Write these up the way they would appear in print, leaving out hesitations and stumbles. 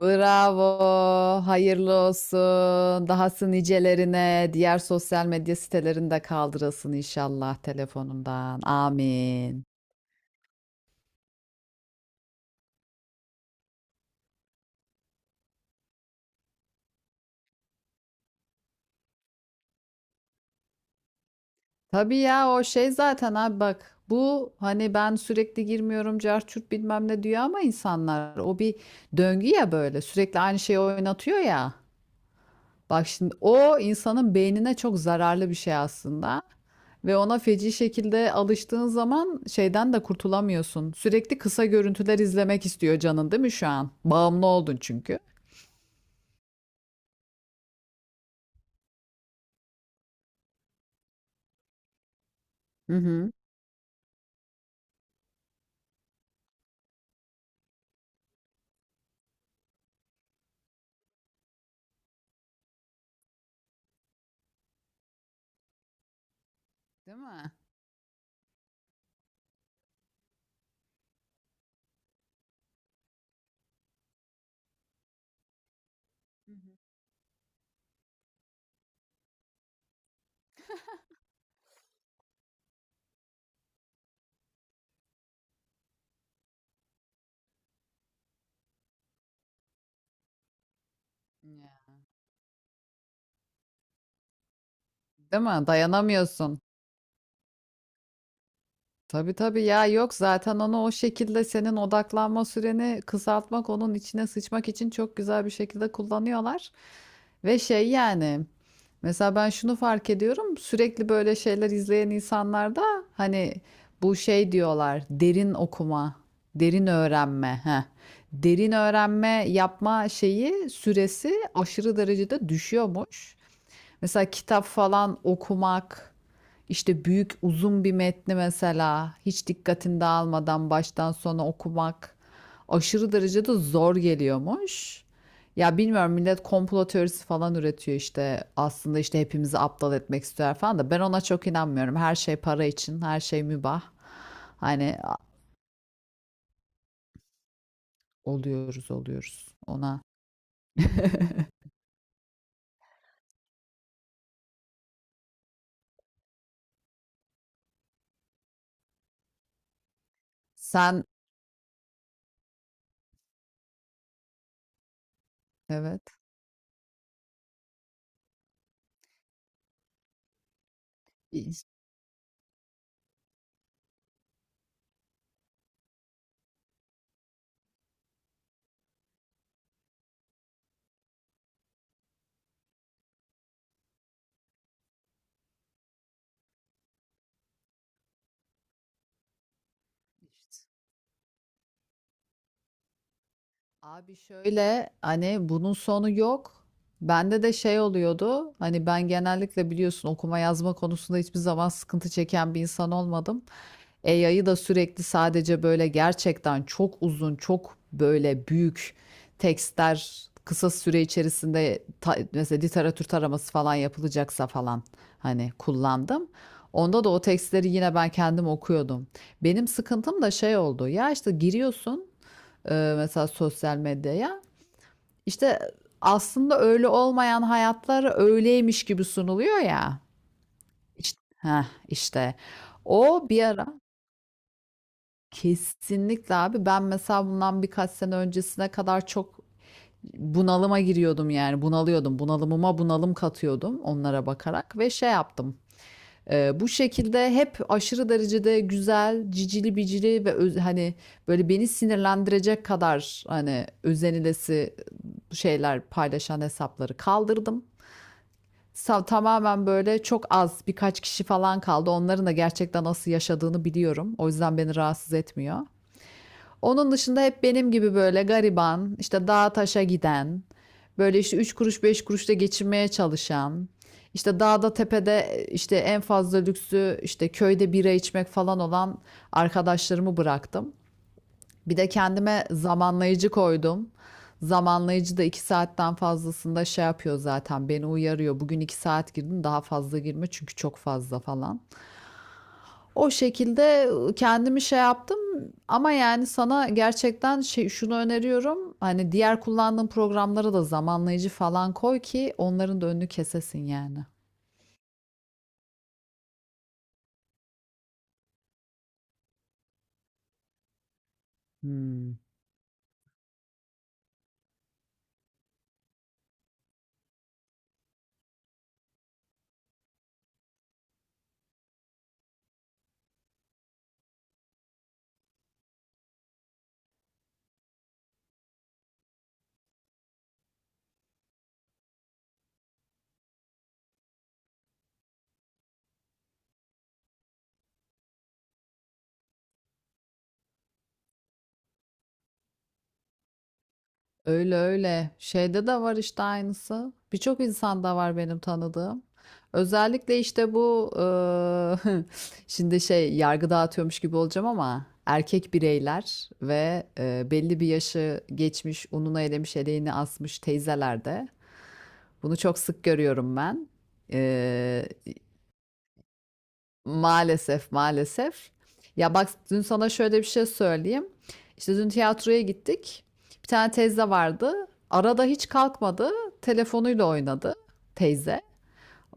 Bravo, hayırlı olsun. Dahası nicelerine, diğer sosyal medya sitelerinde kaldırılsın inşallah telefonundan. Amin. Tabii ya, o şey zaten abi, bak bu, hani ben sürekli girmiyorum, carçurt bilmem ne diyor ama insanlar o bir döngü ya, böyle sürekli aynı şeyi oynatıyor ya. Bak şimdi, o insanın beynine çok zararlı bir şey aslında. Ve ona feci şekilde alıştığın zaman şeyden de kurtulamıyorsun. Sürekli kısa görüntüler izlemek istiyor canın değil mi şu an? Bağımlı oldun çünkü. Hı hı. Değil mi? Ya. Değil mi? Dayanamıyorsun. Tabii tabii ya, yok zaten onu o şekilde senin odaklanma süreni kısaltmak, onun içine sıçmak için çok güzel bir şekilde kullanıyorlar. Ve şey, yani mesela ben şunu fark ediyorum, sürekli böyle şeyler izleyen insanlarda hani bu şey diyorlar, derin okuma, derin öğrenme. Heh. Derin öğrenme yapma şeyi süresi aşırı derecede düşüyormuş. Mesela kitap falan okumak, işte büyük uzun bir metni mesela hiç dikkatini dağılmadan baştan sona okumak aşırı derecede zor geliyormuş. Ya bilmiyorum, millet komplo teorisi falan üretiyor işte, aslında işte hepimizi aptal etmek istiyor falan da ben ona çok inanmıyorum. Her şey para için, her şey mübah. Hani a- Oluyoruz, oluyoruz ona. Sen, evet. Abi şöyle, hani bunun sonu yok. Bende de şey oluyordu. Hani ben genellikle biliyorsun, okuma yazma konusunda hiçbir zaman sıkıntı çeken bir insan olmadım. AI'yı da sürekli sadece, böyle gerçekten çok uzun, çok böyle büyük tekstler kısa süre içerisinde mesela literatür taraması falan yapılacaksa falan, hani kullandım. Onda da o tekstleri yine ben kendim okuyordum. Benim sıkıntım da şey oldu. Ya işte giriyorsun mesela sosyal medyaya. İşte aslında öyle olmayan hayatlar öyleymiş gibi sunuluyor ya. İşte, heh, işte o bir ara, kesinlikle abi, ben mesela bundan birkaç sene öncesine kadar çok bunalıma giriyordum, yani bunalıyordum, bunalımıma bunalım katıyordum onlara bakarak ve şey yaptım. Bu şekilde hep aşırı derecede güzel, cicili bicili ve hani böyle beni sinirlendirecek kadar, hani özenilesi şeyler paylaşan hesapları kaldırdım. Tamamen böyle çok az, birkaç kişi falan kaldı. Onların da gerçekten nasıl yaşadığını biliyorum. O yüzden beni rahatsız etmiyor. Onun dışında hep benim gibi böyle gariban, işte dağa taşa giden, böyle işte 3 kuruş 5 kuruşla geçinmeye çalışan, işte dağda tepede işte en fazla lüksü işte köyde bira içmek falan olan arkadaşlarımı bıraktım. Bir de kendime zamanlayıcı koydum. Zamanlayıcı da 2 saatten fazlasında şey yapıyor zaten, beni uyarıyor. Bugün 2 saat girdin, daha fazla girme çünkü çok fazla falan. O şekilde kendimi şey yaptım, ama yani sana gerçekten şey, şunu öneriyorum. Hani diğer kullandığın programlara da zamanlayıcı falan koy ki onların da önünü kesesin yani. Hmm. Öyle öyle. Şeyde de var işte aynısı. Birçok insanda var benim tanıdığım. Özellikle işte bu şimdi şey, yargı dağıtıyormuş gibi olacağım ama erkek bireyler ve belli bir yaşı geçmiş, ununu elemiş eleğini asmış teyzelerde. Bunu çok sık görüyorum ben. Ee, Maalesef, maalesef. Ya bak, dün sana şöyle bir şey söyleyeyim. İşte dün tiyatroya gittik. Bir tane teyze vardı. Arada hiç kalkmadı. Telefonuyla oynadı teyze.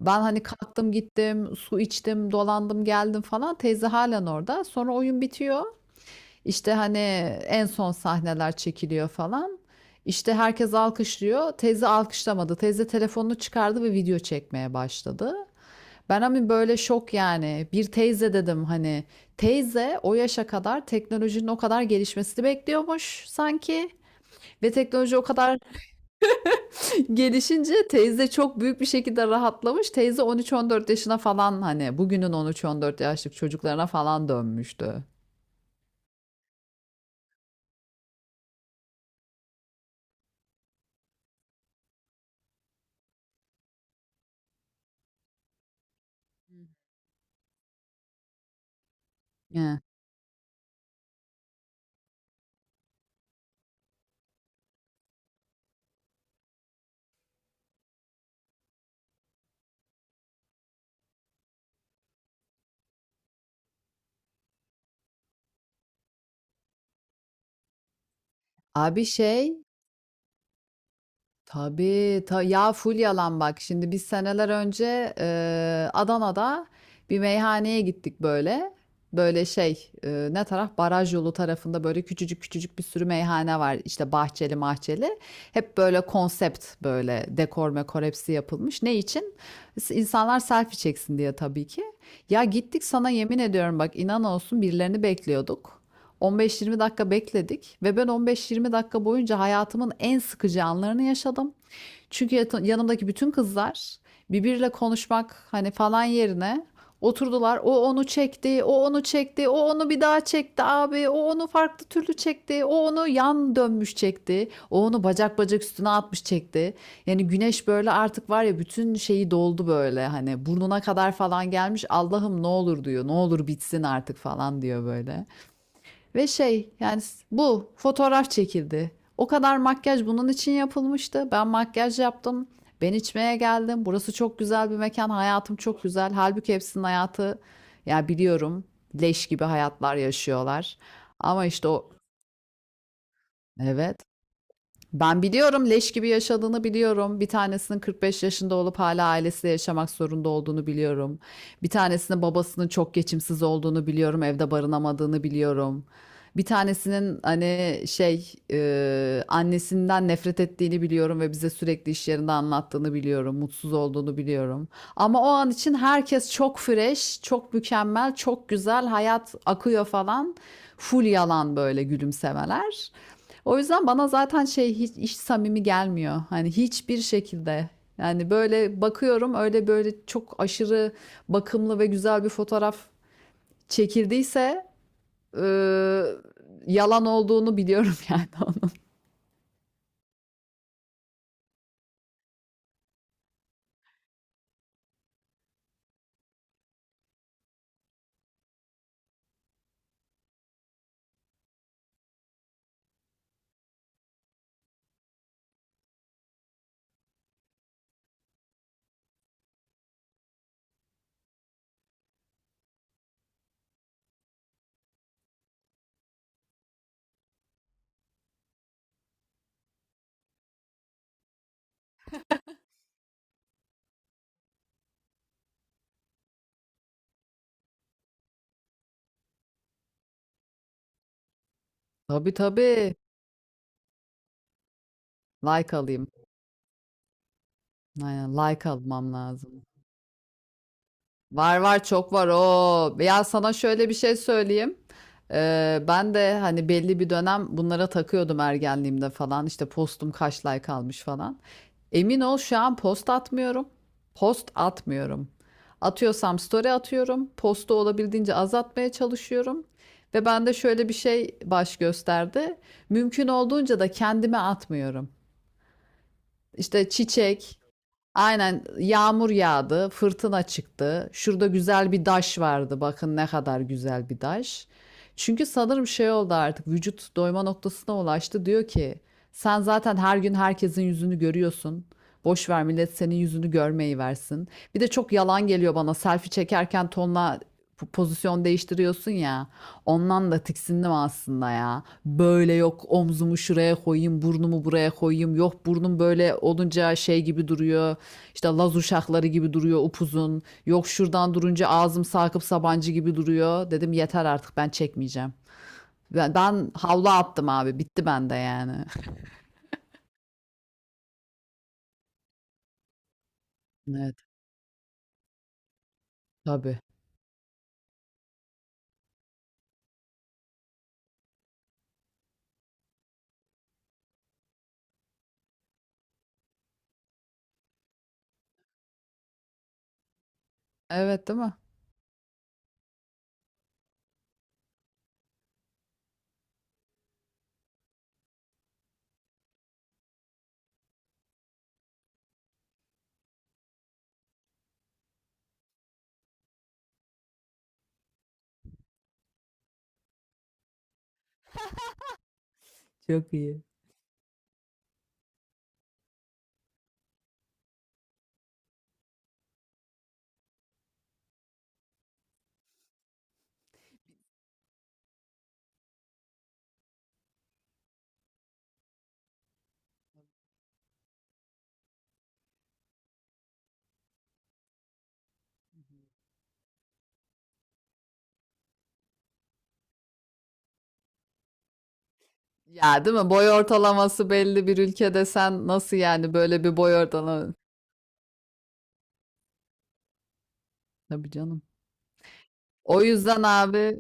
Ben hani kalktım gittim, su içtim, dolandım geldim falan. Teyze halen orada. Sonra oyun bitiyor. İşte hani en son sahneler çekiliyor falan. İşte herkes alkışlıyor. Teyze alkışlamadı. Teyze telefonunu çıkardı ve video çekmeye başladı. Ben hani böyle şok yani. Bir teyze dedim hani. Teyze o yaşa kadar teknolojinin o kadar gelişmesini bekliyormuş sanki. Ve teknoloji o kadar gelişince teyze çok büyük bir şekilde rahatlamış. Teyze 13-14 yaşına falan, hani bugünün 13-14 yaşlık çocuklarına falan dönmüştü. He. Abi şey, tabii, ya full yalan bak. Şimdi biz seneler önce Adana'da bir meyhaneye gittik böyle. Böyle şey, ne taraf, baraj yolu tarafında böyle küçücük küçücük bir sürü meyhane var. İşte bahçeli mahçeli. Hep böyle konsept, böyle dekor mekor hepsi yapılmış. Ne için? İnsanlar selfie çeksin diye tabii ki. Ya gittik, sana yemin ediyorum bak, inan olsun, birilerini bekliyorduk. 15-20 dakika bekledik ve ben 15-20 dakika boyunca hayatımın en sıkıcı anlarını yaşadım. Çünkü yanımdaki bütün kızlar birbiriyle konuşmak hani falan yerine oturdular. O onu çekti, o onu çekti, o onu bir daha çekti abi, o onu farklı türlü çekti, o onu yan dönmüş çekti, o onu bacak bacak üstüne atmış çekti. Yani Güneş böyle artık var ya, bütün şeyi doldu böyle, hani burnuna kadar falan gelmiş. Allah'ım ne olur diyor, ne olur bitsin artık falan diyor böyle. Ve şey yani bu fotoğraf çekildi. O kadar makyaj bunun için yapılmıştı. Ben makyaj yaptım. Ben içmeye geldim. Burası çok güzel bir mekan. Hayatım çok güzel. Halbuki hepsinin hayatı, ya biliyorum, leş gibi hayatlar yaşıyorlar. Ama işte o, evet, ben biliyorum, leş gibi yaşadığını biliyorum. Bir tanesinin 45 yaşında olup hala ailesiyle yaşamak zorunda olduğunu biliyorum. Bir tanesinin babasının çok geçimsiz olduğunu biliyorum, evde barınamadığını biliyorum. Bir tanesinin hani şey, annesinden nefret ettiğini biliyorum ve bize sürekli iş yerinde anlattığını biliyorum, mutsuz olduğunu biliyorum. Ama o an için herkes çok fresh, çok mükemmel, çok güzel, hayat akıyor falan. Full yalan böyle gülümsemeler. O yüzden bana zaten şey, hiç, hiç samimi gelmiyor. Hani hiçbir şekilde. Yani böyle bakıyorum, öyle böyle çok aşırı bakımlı ve güzel bir fotoğraf çekildiyse, eee, yalan olduğunu biliyorum yani onun. Tabii tabii. Like alayım. Aynen, like almam lazım. Var var, çok var o. Ya sana şöyle bir şey söyleyeyim. Ben de hani belli bir dönem bunlara takıyordum, ergenliğimde falan. İşte postum kaç like almış falan. Emin ol, şu an post atmıyorum. Post atmıyorum. Atıyorsam story atıyorum. Postu olabildiğince azaltmaya çalışıyorum. Ve bende şöyle bir şey baş gösterdi. Mümkün olduğunca da kendime atmıyorum. İşte çiçek, aynen, yağmur yağdı, fırtına çıktı. Şurada güzel bir daş vardı. Bakın ne kadar güzel bir daş. Çünkü sanırım şey oldu, artık vücut doyma noktasına ulaştı. Diyor ki sen zaten her gün herkesin yüzünü görüyorsun. Boş ver, millet senin yüzünü görmeyi versin. Bir de çok yalan geliyor bana. Selfie çekerken tonla pozisyon değiştiriyorsun ya. Ondan da tiksindim aslında ya. Böyle, yok omzumu şuraya koyayım, burnumu buraya koyayım. Yok, burnum böyle olunca şey gibi duruyor. İşte Laz uşakları gibi duruyor upuzun. Yok, şuradan durunca ağzım Sakıp Sabancı gibi duruyor. Dedim yeter artık, ben çekmeyeceğim. Ben havlu attım abi. Bitti bende yani. Evet, tabii. Evet, değil mi? Çok iyi. Ya değil mi? Boy ortalaması belli bir ülkede sen nasıl yani böyle bir boy ortalaması? Tabii canım. O yüzden abi,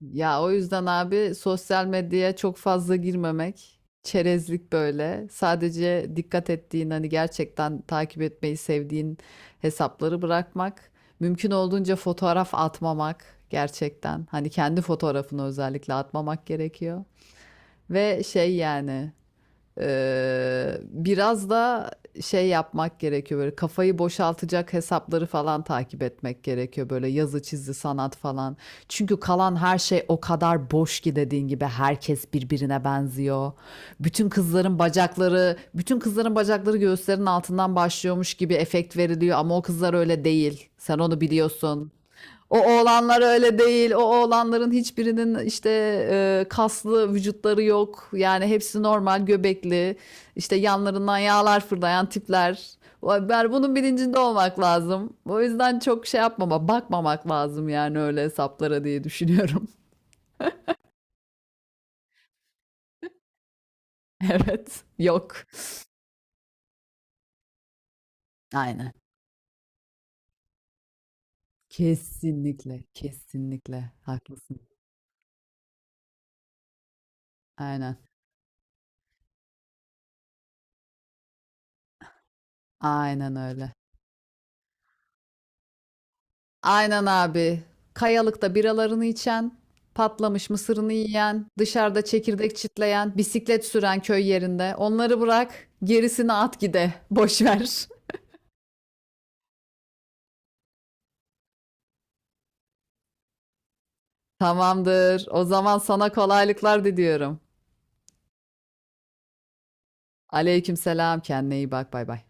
ya o yüzden abi, sosyal medyaya çok fazla girmemek, çerezlik böyle. Sadece dikkat ettiğin, hani gerçekten takip etmeyi sevdiğin hesapları bırakmak. Mümkün olduğunca fotoğraf atmamak gerçekten. Hani kendi fotoğrafını özellikle atmamak gerekiyor. Ve şey yani, biraz da şey yapmak gerekiyor, böyle kafayı boşaltacak hesapları falan takip etmek gerekiyor, böyle yazı çizgi sanat falan. Çünkü kalan her şey o kadar boş ki, dediğin gibi herkes birbirine benziyor. Bütün kızların bacakları, bütün kızların bacakları göğüslerin altından başlıyormuş gibi efekt veriliyor ama o kızlar öyle değil. Sen onu biliyorsun. O oğlanlar öyle değil. O oğlanların hiçbirinin işte kaslı vücutları yok. Yani hepsi normal göbekli. İşte yanlarından yağlar fırlayan tipler. Ben bunun bilincinde olmak lazım. O yüzden çok şey yapmama, bakmamak lazım yani öyle hesaplara diye düşünüyorum. Evet, yok. Aynen. Kesinlikle, kesinlikle haklısın. Aynen. Aynen öyle. Aynen abi. Kayalıkta biralarını içen, patlamış mısırını yiyen, dışarıda çekirdek çitleyen, bisiklet süren köy yerinde. Onları bırak, gerisini at gide. Boş ver. Tamamdır. O zaman sana kolaylıklar diliyorum. Aleykümselam. Kendine iyi bak. Bay bay.